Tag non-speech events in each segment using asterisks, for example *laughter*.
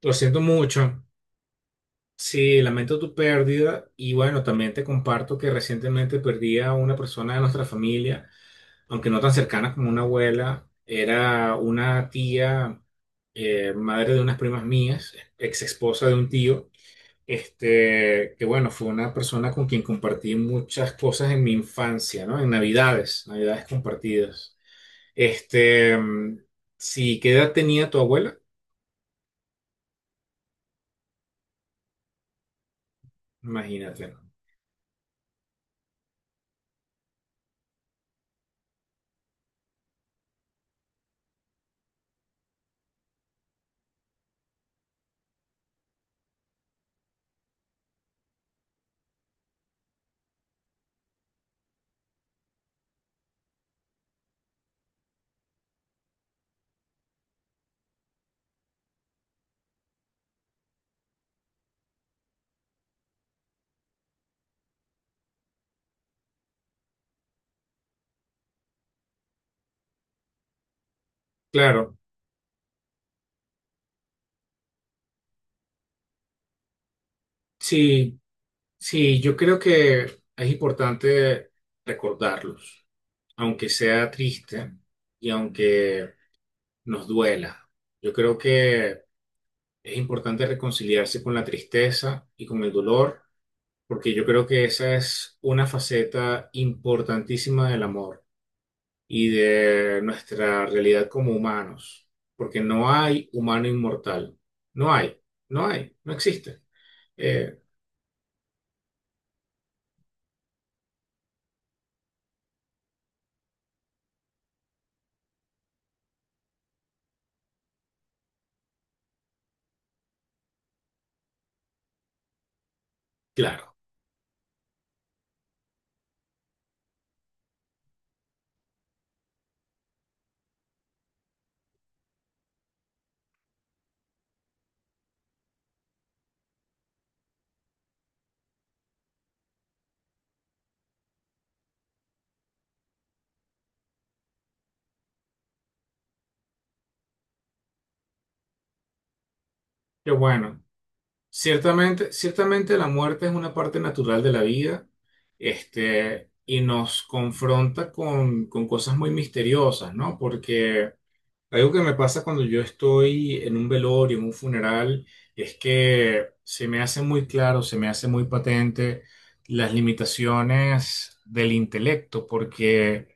Lo siento mucho. Sí, lamento tu pérdida y bueno, también te comparto que recientemente perdí a una persona de nuestra familia, aunque no tan cercana como una abuela, era una tía, madre de unas primas mías, ex esposa de un tío, este, que bueno, fue una persona con quien compartí muchas cosas en mi infancia, ¿no? En Navidades, Navidades compartidas. Este, mm, sí, ¿qué edad tenía tu abuela? Imagínate, ¿no? Claro, sí. Sí, yo creo que es importante recordarlos, aunque sea triste y aunque nos duela. Yo creo que es importante reconciliarse con la tristeza y con el dolor, porque yo creo que esa es una faceta importantísima del amor y de nuestra realidad como humanos, porque no hay humano inmortal. No hay, no existe. Eh, claro, qué bueno. Ciertamente, ciertamente la muerte es una parte natural de la vida, este, y nos confronta con cosas muy misteriosas, ¿no? Porque algo que me pasa cuando yo estoy en un velorio, en un funeral, es que se me hace muy claro, se me hace muy patente las limitaciones del intelecto, porque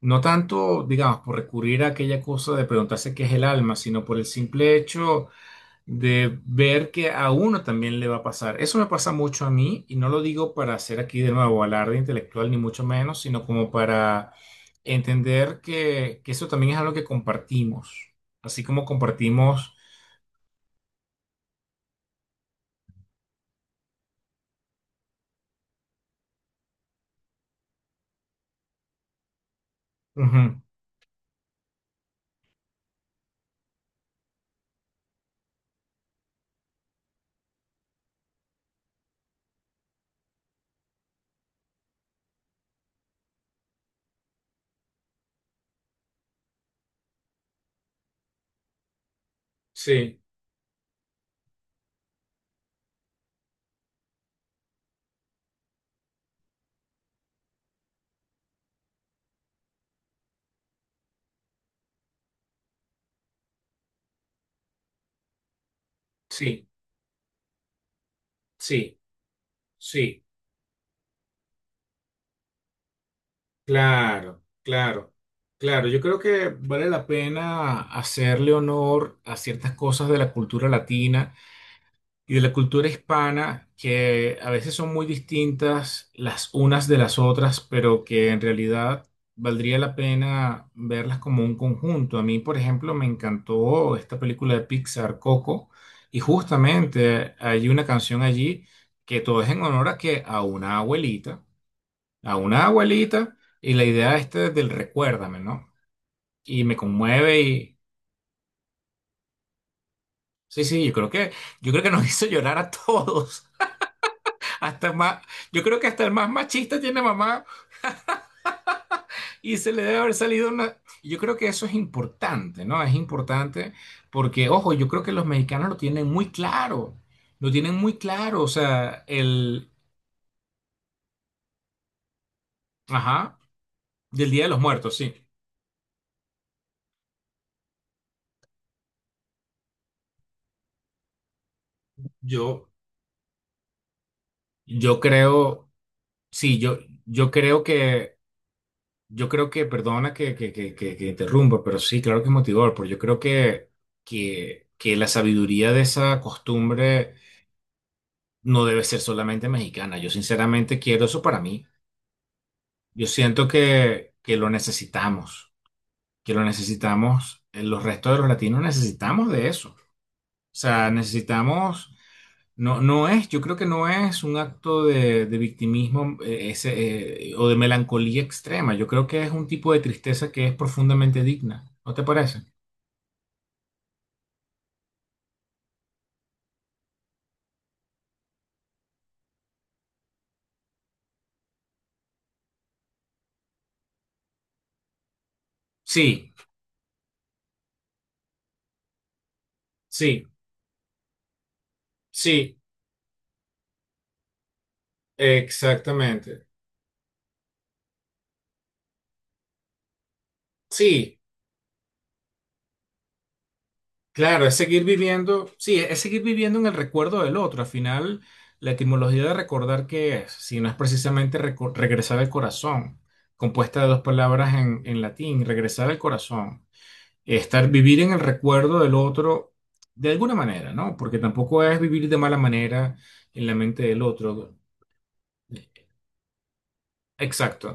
no tanto, digamos, por recurrir a aquella cosa de preguntarse qué es el alma, sino por el simple hecho de ver que a uno también le va a pasar. Eso me pasa mucho a mí y no lo digo para hacer aquí de nuevo alarde intelectual ni mucho menos, sino como para entender que eso también es algo que compartimos, así como compartimos... ujú, sí, sí, sí, sí, claro, claro, claro. Yo creo que vale la pena hacerle honor a ciertas cosas de la cultura latina y de la cultura hispana, que a veces son muy distintas las unas de las otras, pero que en realidad valdría la pena verlas como un conjunto. A mí, por ejemplo, me encantó esta película de Pixar, Coco, y justamente hay una canción allí que todo es en honor a que a una abuelita, y la idea esta del recuérdame, ¿no? Y me conmueve y... Sí, sí, yo creo que nos *laughs* hizo llorar a todos. Hasta más, yo creo que hasta el más machista tiene mamá y se le debe haber salido una... Yo creo que eso es importante, ¿no? Es importante porque, ojo, yo creo que los mexicanos lo tienen muy claro, lo tienen muy claro, o sea, el... Ajá, del Día de los Muertos, sí. Yo, yo creo, sí, yo creo que, yo creo que, perdona que interrumpa, pero sí, claro que es motivador, pero yo creo que la sabiduría de esa costumbre no debe ser solamente mexicana. Yo sinceramente quiero eso para mí. Yo siento que lo necesitamos, los restos de los latinos necesitamos de eso. O sea, necesitamos, no, no es, yo creo que no es un acto de victimismo ese, o de melancolía extrema. Yo creo que es un tipo de tristeza que es profundamente digna. ¿No te parece? Sí, sí, sí, exactamente. Sí. Claro, es seguir viviendo, sí, es seguir viviendo en el recuerdo del otro. Al final, la etimología de recordar qué es, si no es precisamente regresar al corazón, compuesta de dos palabras en latín, regresar al corazón, estar vivir en el recuerdo del otro de alguna manera, ¿no? Porque tampoco es vivir de mala manera en la mente del otro. Exacto,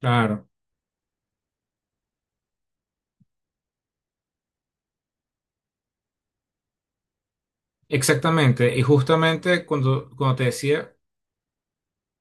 claro, exactamente. Y justamente cuando, cuando te decía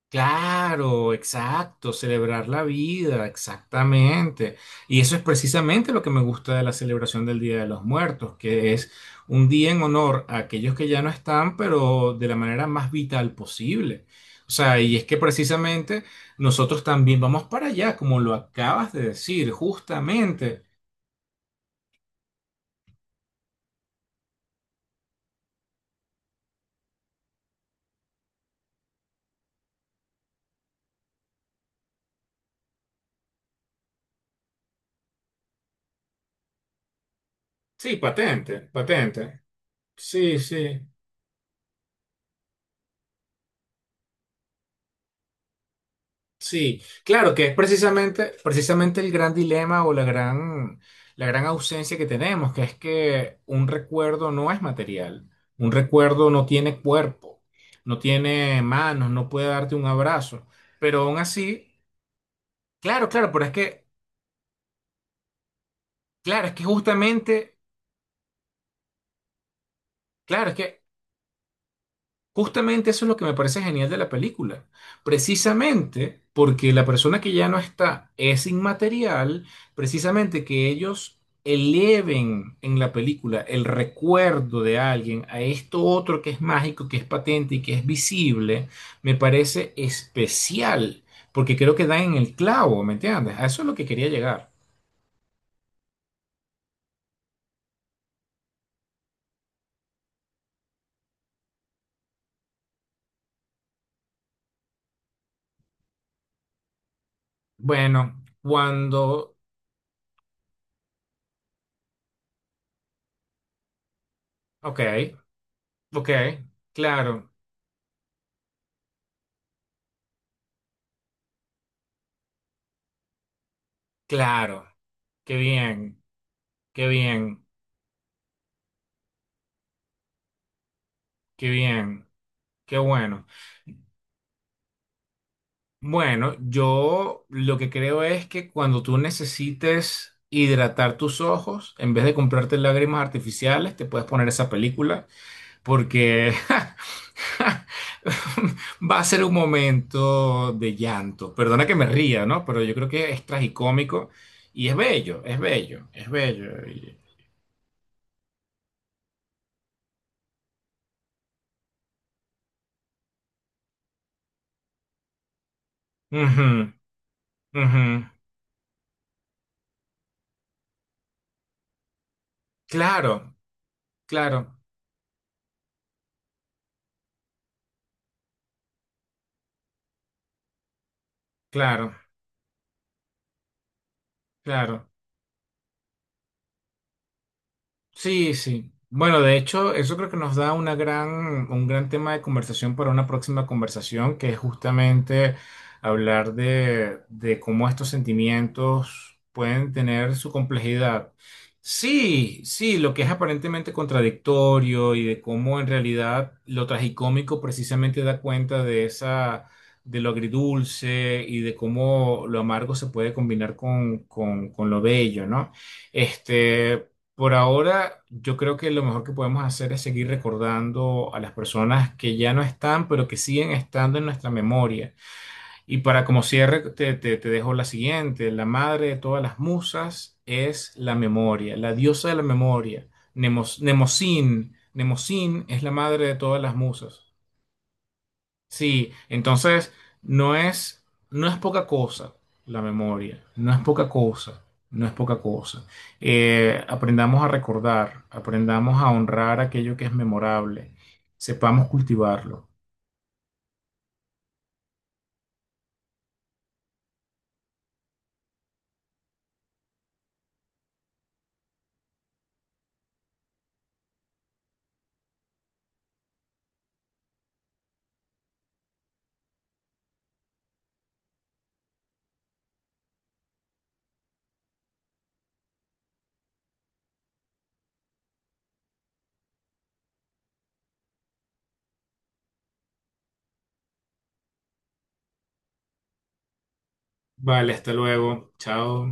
claro, exacto, celebrar la vida, exactamente. Y eso es precisamente lo que me gusta de la celebración del Día de los Muertos, que es un día en honor a aquellos que ya no están, pero de la manera más vital posible. O sea, y es que precisamente nosotros también vamos para allá, como lo acabas de decir, justamente. Sí, patente, patente. Sí, sí. Sí, claro que es precisamente, precisamente el gran dilema o la gran ausencia que tenemos, que es que un recuerdo no es material, un recuerdo no tiene cuerpo, no tiene manos, no puede darte un abrazo, pero aún así, claro, claro, pero es que, claro, es que justamente, claro, es que justamente eso es lo que me parece genial de la película. Precisamente porque la persona que ya no está es inmaterial, precisamente que ellos eleven en la película el recuerdo de alguien a esto otro que es mágico, que es patente y que es visible, me parece especial, porque creo que dan en el clavo, ¿me entiendes? A eso es lo que quería llegar. Bueno, cuando... Ok, ok, claro, claro, qué bien, qué bien. Qué bien, qué bueno. Bueno, yo lo que creo es que cuando tú necesites hidratar tus ojos, en vez de comprarte lágrimas artificiales, te puedes poner esa película porque *laughs* va a ser un momento de llanto. Perdona que me ría, ¿no? Pero yo creo que es tragicómico y es bello, es bello, es bello. Y- ujú, ujú. Claro, claro, claro, claro. Sí, sí. Bueno, de hecho, eso creo que nos da una gran, un gran tema de conversación para una próxima conversación, que es justamente hablar de cómo estos sentimientos pueden tener su complejidad. Sí, sí, lo que es aparentemente contradictorio y de cómo en realidad lo tragicómico precisamente da cuenta de esa, de lo agridulce y de cómo lo amargo se puede combinar con lo bello, ¿no? Este. Por ahora, yo creo que lo mejor que podemos hacer es seguir recordando a las personas que ya no están, pero que siguen estando en nuestra memoria. Y para como cierre, te dejo la siguiente. La madre de todas las musas es la memoria, la diosa de la memoria. Nemos, Nemosín, Nemosín es la madre de todas las musas. Sí, entonces no es, no es poca cosa la memoria, no es poca cosa, no es poca cosa. Aprendamos a recordar, aprendamos a honrar aquello que es memorable, sepamos cultivarlo. Vale, hasta luego, chao.